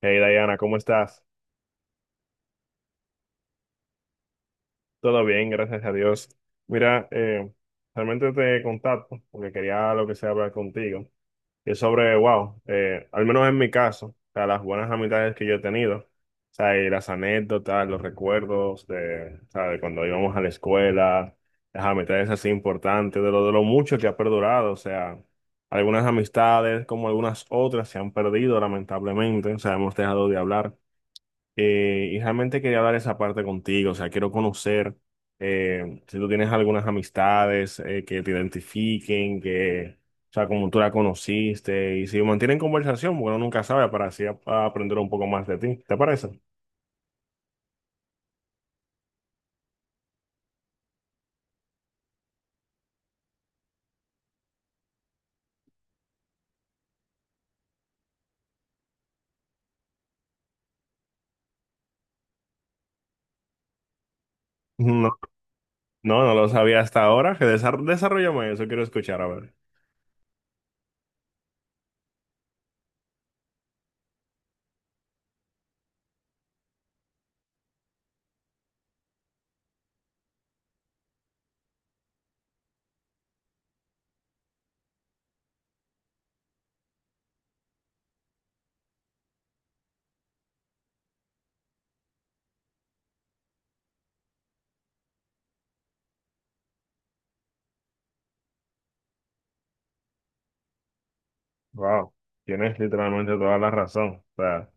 Hey Diana, ¿cómo estás? Todo bien, gracias a Dios. Mira, realmente te contacto porque quería lo que sea hablar contigo. Y es sobre, wow, al menos en mi caso, o sea, las buenas amistades que yo he tenido, o sea, y las anécdotas, los recuerdos de, o sea, de cuando íbamos a la escuela, las amistades así importantes, de lo mucho que ha perdurado, o sea, algunas amistades como algunas otras se han perdido lamentablemente, o sea, hemos dejado de hablar. Y realmente quería hablar esa parte contigo, o sea, quiero conocer si tú tienes algunas amistades que te identifiquen, que, o sea, como tú la conociste, y si mantienen conversación, bueno, nunca sabe, para así a aprender un poco más de ti, ¿te parece? No, no, no lo sabía hasta ahora, que desarrollame eso, quiero escuchar, a ver. Wow, tienes literalmente toda la razón, o sea,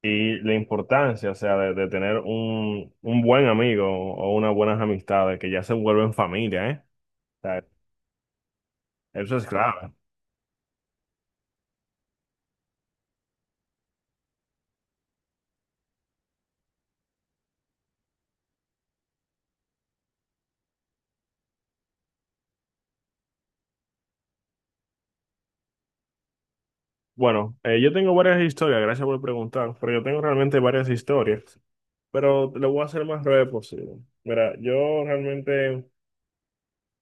y la importancia, o sea, de tener un buen amigo o unas buenas amistades que ya se vuelven familia, ¿eh? Sea, eso es claro. Bueno, yo tengo varias historias, gracias por preguntar, pero yo tengo realmente varias historias, pero lo voy a hacer más breve posible. Mira, yo realmente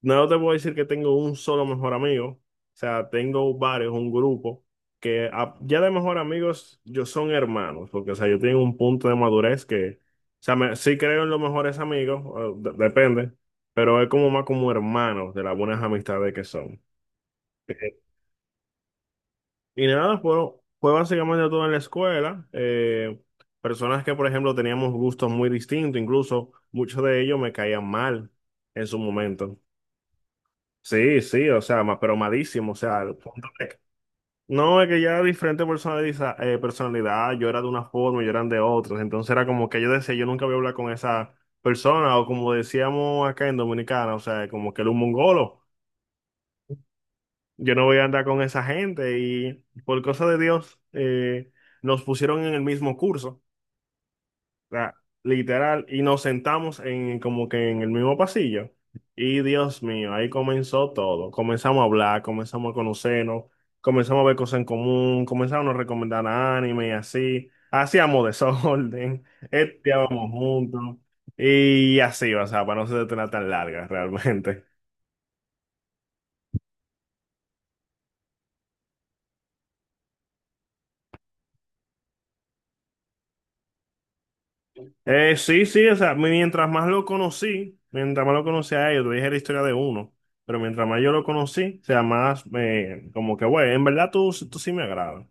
no te voy a decir que tengo un solo mejor amigo, o sea, tengo varios, un grupo, que ya de mejor amigos yo son hermanos, porque, o sea, yo tengo un punto de madurez que, o sea, sí creo en los mejores amigos, depende, pero es como más como hermanos de las buenas amistades que son. Y nada, fue básicamente todo en la escuela. Personas que, por ejemplo, teníamos gustos muy distintos, incluso muchos de ellos me caían mal en su momento. Sí, sí, o sea, pero malísimo, o sea, al punto de- No, es que ya era diferente personalidad, yo era de una forma, yo eran de otras, entonces era como que yo decía, yo nunca voy a hablar con esa persona, o como decíamos acá en Dominicana, o sea, como que era un mongolo. Yo no voy a andar con esa gente y por cosa de Dios nos pusieron en el mismo curso, o sea, literal, y nos sentamos en como que en el mismo pasillo. Y Dios mío, ahí comenzó todo. Comenzamos a hablar, comenzamos a conocernos, comenzamos a ver cosas en común, comenzamos a no recomendar anime y así. Hacíamos desorden, estudiábamos juntos y así, o sea, para no ser tan larga realmente. Sí, sí, o sea, mientras más lo conocí a ellos, te dije la historia de uno, pero mientras más yo lo conocí, o sea, más como que, güey, en verdad tú sí me agradas.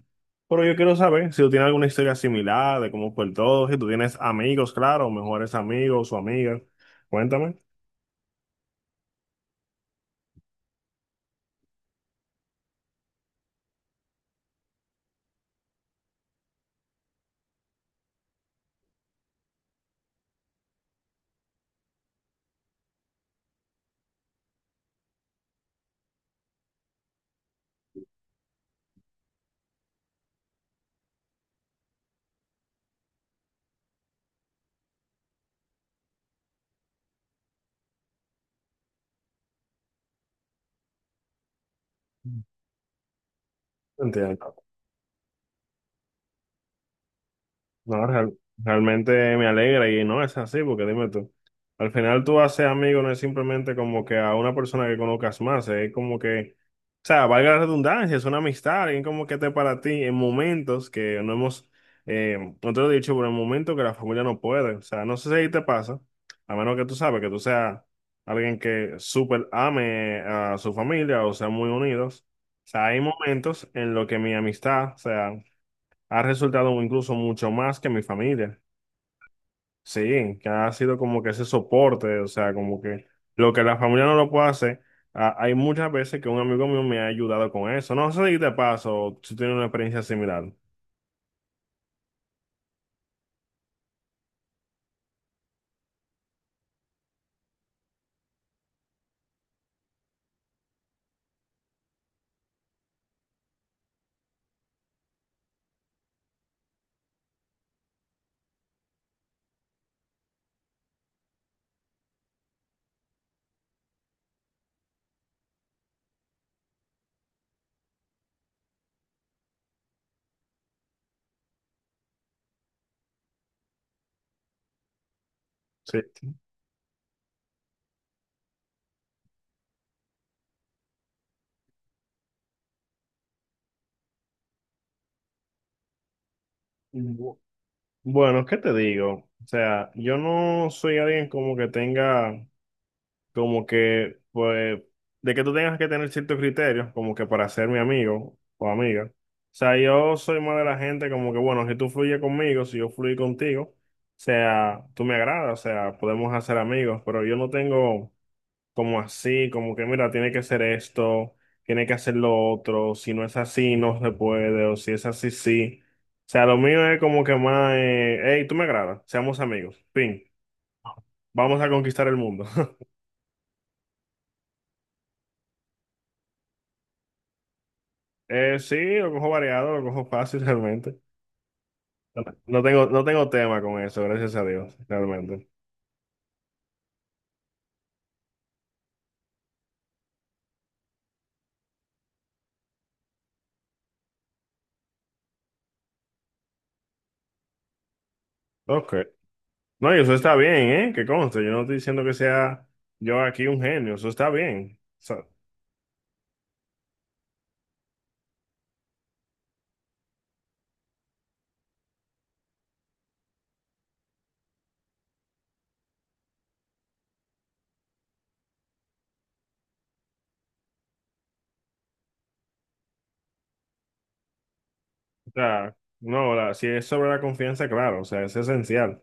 Pero yo quiero saber si tú tienes alguna historia similar de cómo fue el todo, si tú tienes amigos, claro, o mejores amigos o amigas. Cuéntame. Entiendo. No, realmente me alegra y no es así, porque dime tú, al final tú haces amigo no es simplemente como que a una persona que conozcas más, es como que, o sea, valga la redundancia, es una amistad, alguien como que esté para ti en momentos que no hemos, no te lo he dicho, pero en momentos que la familia no puede, o sea, no sé si ahí te pasa, a menos que tú sabes que tú seas alguien que súper ame a su familia o sean muy unidos, o sea, hay momentos en los que mi amistad, o sea, ha resultado incluso mucho más que mi familia. Sí, que ha sido como que ese soporte, o sea, como que lo que la familia no lo puede hacer, hay muchas veces que un amigo mío me ha ayudado con eso. No sé si te paso, si tienes una experiencia similar. Sí. Bu- Bueno, ¿qué te digo? O sea, yo no soy alguien como que tenga como que, pues, de que tú tengas que tener ciertos criterios, como que para ser mi amigo o amiga. O sea, yo soy más de la gente como que, bueno, si tú fluyes conmigo, si yo fluyo contigo, o sea, tú me agradas, o sea, podemos hacer amigos, pero yo no tengo como así, como que, mira, tiene que ser esto, tiene que hacer lo otro, si no es así, no se puede, o si es así, sí. O sea, lo mío es como que más, hey, tú me agradas, seamos amigos, fin, vamos a conquistar el mundo. Sí, lo cojo variado, lo cojo fácil realmente. No tengo tema con eso, gracias a Dios, realmente. Ok. No, y eso está bien, ¿eh? Que conste, yo no estoy diciendo que sea yo aquí un genio, eso está bien. O sea, no, si es sobre la confianza, claro, o sea, es esencial.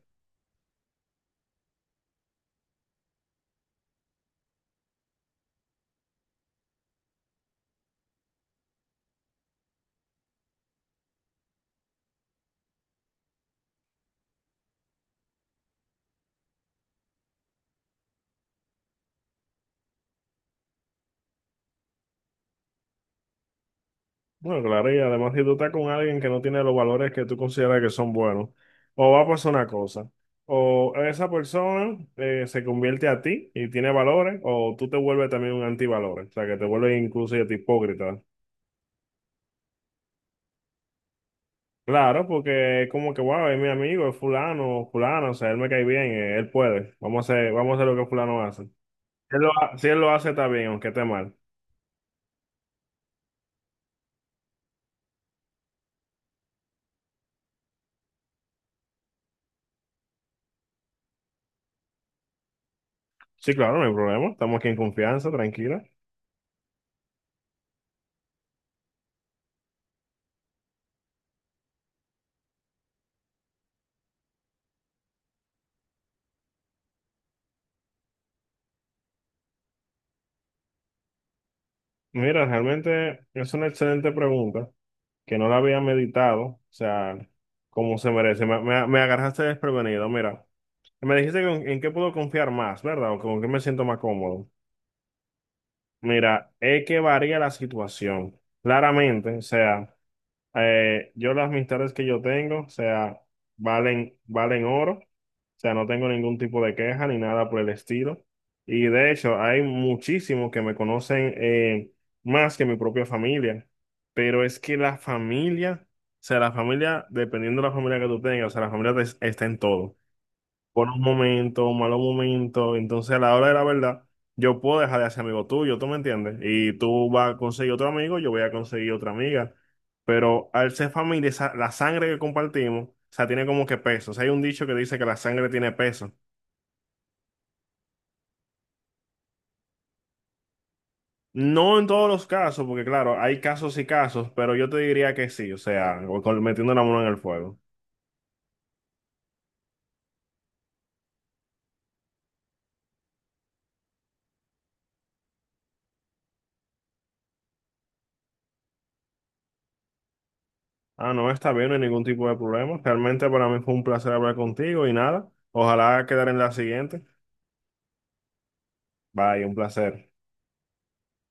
Bueno, claro, y además si tú estás con alguien que no tiene los valores que tú consideras que son buenos, o va a pasar una cosa, o esa persona se convierte a ti y tiene valores, o tú te vuelves también un antivalores, o sea, que te vuelves incluso hasta hipócrita. Claro, porque es como que, wow, es mi amigo, es fulano, fulano, o sea, él me cae bien, él puede, vamos a hacer lo que fulano hace. Si si él lo hace, está bien, aunque esté mal. Sí, claro, no hay problema, estamos aquí en confianza, tranquila. Mira, realmente es una excelente pregunta. Que no la había meditado, o sea, como se merece. Me agarraste desprevenido, mira. Me dijiste que en qué puedo confiar más, ¿verdad? O con qué me siento más cómodo. Mira, es que varía la situación. Claramente, o sea. Yo las amistades que yo tengo, o sea, valen oro, o sea, no tengo ningún tipo de queja ni nada por el estilo. Y de hecho, hay muchísimos que me conocen más que mi propia familia, pero es que la familia, dependiendo de la familia que tú tengas, o sea, la familia está en todo buenos momentos, malos momentos. Entonces, a la hora de la verdad, yo puedo dejar de ser amigo tuyo, ¿tú me entiendes? Y tú vas a conseguir otro amigo, yo voy a conseguir otra amiga. Pero al ser familia, la sangre que compartimos, o sea, tiene como que peso. O sea, hay un dicho que dice que la sangre tiene peso. No en todos los casos, porque claro, hay casos y casos, pero yo te diría que sí, o sea, metiendo la mano en el fuego. Ah, no, está bien, no hay ningún tipo de problema. Realmente para mí fue un placer hablar contigo y nada. Ojalá quedar en la siguiente. Bye, un placer.